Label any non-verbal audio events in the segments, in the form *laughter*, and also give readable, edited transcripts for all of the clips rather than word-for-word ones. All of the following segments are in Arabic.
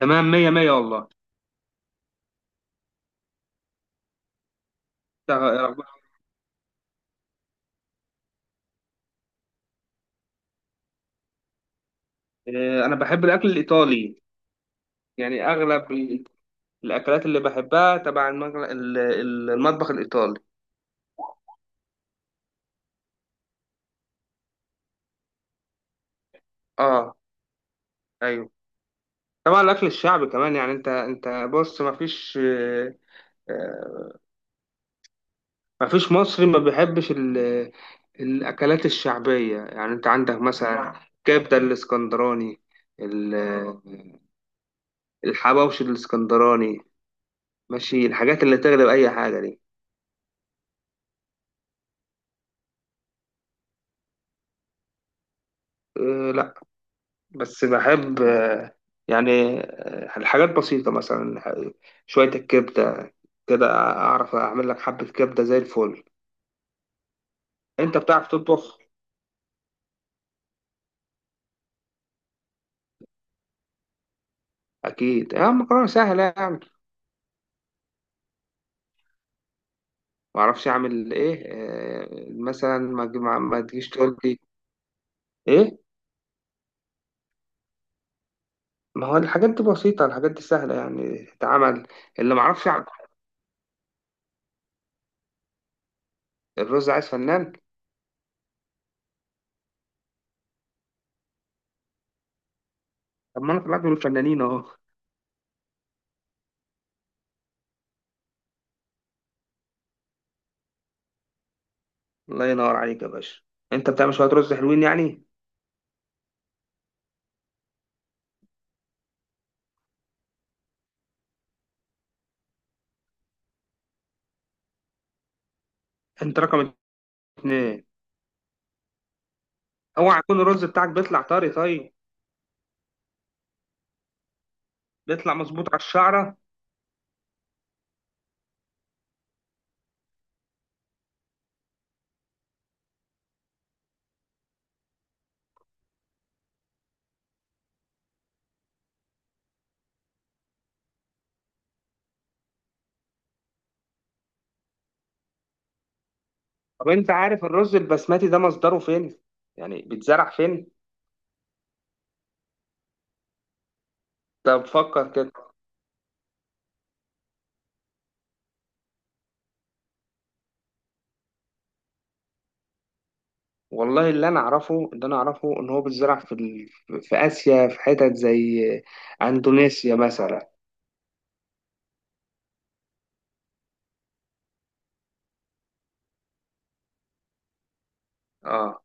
تمام، مية مية والله. تع- أنا بحب الأكل الإيطالي. يعني أغلب الأكلات اللي بحبها تبع المطبخ الإيطالي. آه. أيوه. طبعا الأكل الشعبي كمان. يعني أنت بص، مفيش آه، مفيش مصري ما بيحبش الأكلات الشعبية. يعني أنت عندك مثلا كبدة الإسكندراني، ال- الحواوشي الإسكندراني، ماشي، الحاجات اللي تغلب أي حاجة دي. آه، بس بحب، يعني الحاجات بسيطة، مثلا شوية الكبدة كده، أعرف أعمل لك حبة كبدة زي الفل. أنت بتعرف تطبخ؟ أكيد، يا مكرونة سهلة يعني. ما أعرفش أعمل إيه، مثلا ما ما تجيش تقول لي. إيه. ما هو الحاجات دي بسيطة، الحاجات دي سهلة يعني تتعمل. اللي ما أعرفش أعمل، الرز عايز فنان. طب ما أنا طلعت من الفنانين أهو. الله ينور عليك يا باشا. أنت بتعمل شوية رز حلوين يعني. أنت رقم اتنين. اوعى يكون الرز بتاعك بيطلع طري طيب؟ بيطلع مظبوط على الشعره. طب انت عارف الرز البسمتي ده مصدره فين؟ يعني بيتزرع فين؟ طب فكر كده. والله اللي انا اعرفه ان هو بيتزرع في اسيا، في حتت زي اندونيسيا مثلا. اه.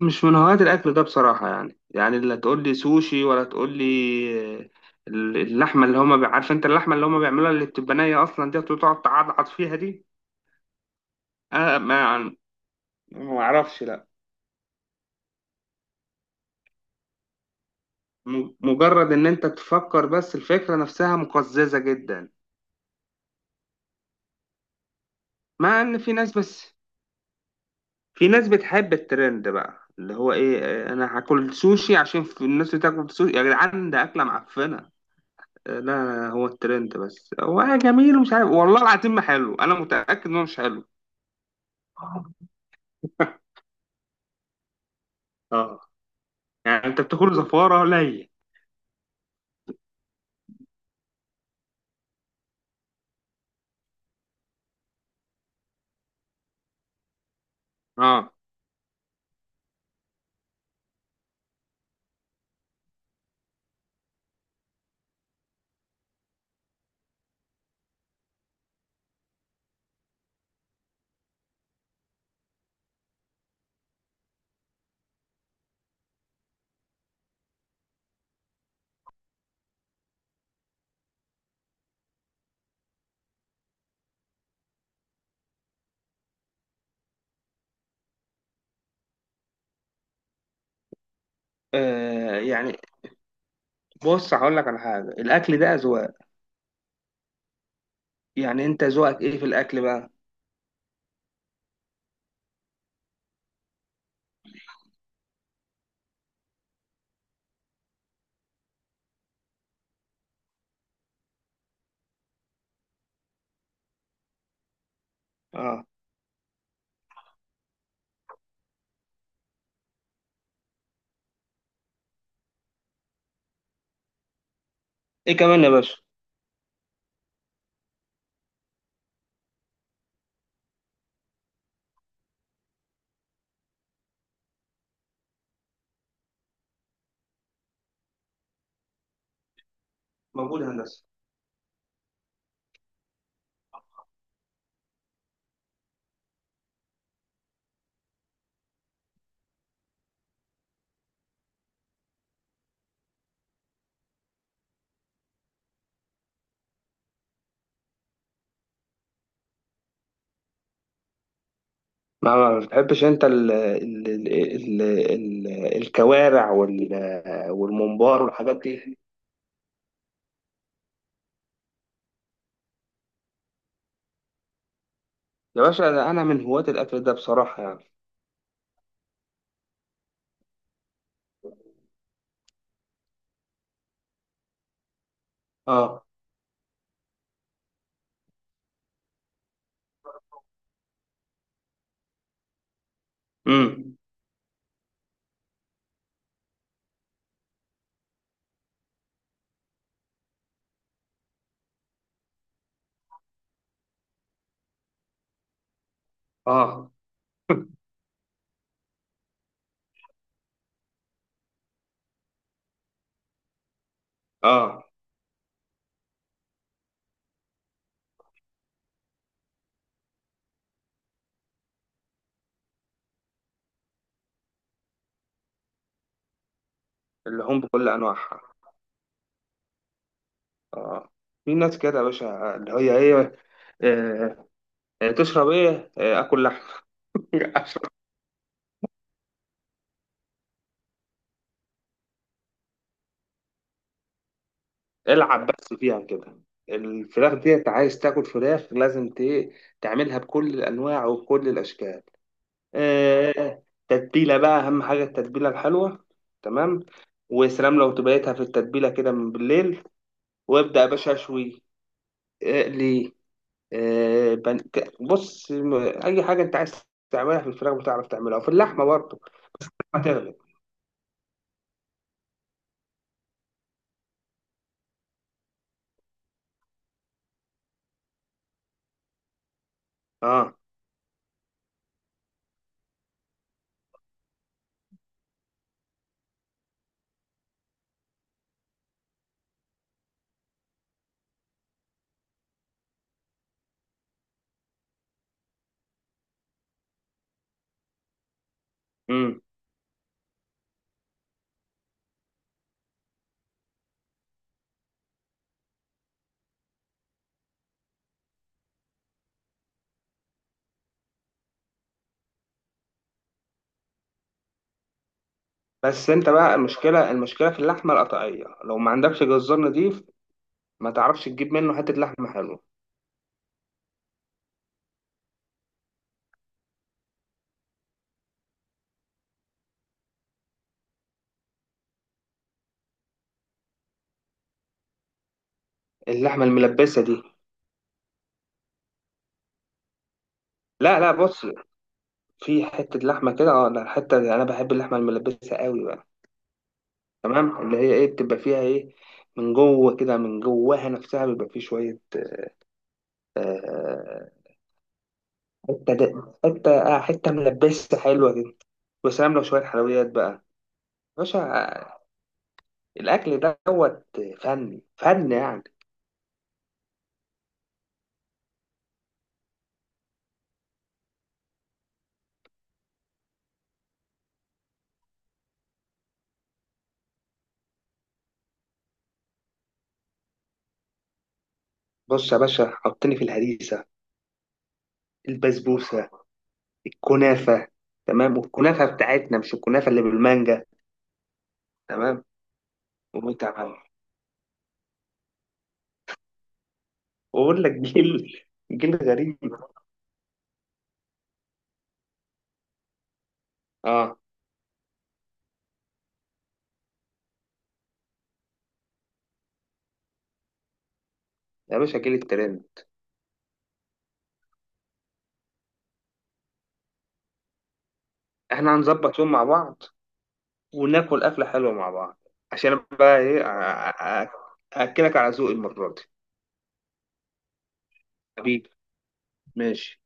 مش من هواة الاكل ده بصراحه، يعني يعني لا تقول لي سوشي ولا تقول لي اللحمه اللي هما عارف انت اللحمه اللي هما بيعملوها، اللي بتبقى نيه اصلا دي وتقعد تعضعض فيها دي. انا ما ما اعرفش، لا. مجرد ان انت تفكر بس، الفكرة نفسها مقززة جدا. مع ان في ناس، بس في ناس بتحب الترند بقى، اللي هو ايه، انا هاكل سوشي عشان في الناس بتاكل سوشي، يا جدعان ده اكلة معفنة. لا، هو الترند بس، هو جميل ومش عارف، والله العظيم ما حلو، انا متأكد انه مش حلو. *laughs* اه. يعني انت بتاكل زفارة قليل. اه. يعني بص، هقول لك على حاجة، الأكل ده أذواق. يعني أنت ذوقك إيه في الأكل بقى؟ اه. إيه كمان يا باشا؟ موجود يا هندسة. ما ما بتحبش انت ال الكوارع والممبار والحاجات دي؟ يا باشا ده انا من هواة الاكل ده بصراحة يعني. اه. امم. اه. *laughs* اه اللحوم بكل انواعها. اه. في ناس كده يا باشا اللي هي ايه، آه، تشرب ايه؟ اكل لحمة. *laughs* أشرب. العب بس فيها كده، الفراخ ديت عايز تاكل فراخ لازم تعملها بكل الانواع وبكل الاشكال. تتبيلة بقى، أهم حاجة التتبيلة الحلوة. تمام. وسلام لو تبيتها في التتبيلة كده من بالليل، وابدأ يا باشا أشوي، اقلي، آه، بن- ك- بص م- أي حاجة أنت عايز تعملها في الفراخ بتعرف تعملها، وفي اللحمة برضه هتغلب. *laughs* أه. أمم. بس أنت بقى، المشكلة في اللحمة القطعية، لو ما عندكش جزار نضيف ما تعرفش تجيب منه حتة لحمة حلوة. اللحمة الملبسة دي؟ لا لا، بص، في حتة لحمة كده، اه لا حتة، أنا بحب اللحمة الملبسة قوي بقى. تمام، اللي هي ايه، بتبقى فيها ايه، من جوه كده، من جواها نفسها بيبقى فيه شويه، آه، حته ده حته حته ملبسه حلوه كده. وسلام لو شويه حلويات بقى، باشا، الاكل دوت فن فن يعني. بص يا باشا، حطني في الهريسه، البسبوسه، الكنافه. تمام، والكنافه بتاعتنا مش الكنافه اللي بالمانجا. تمام. وتمام واقول لك، *laughs* جيل، جيل غريب. اه. يا باشا جيل الترند. احنا هنظبط يوم مع بعض وناكل أكلة حلوة مع بعض، عشان أنا بقى إيه، أأكلك على ذوقي المرة دي. حبيبي، ماشي.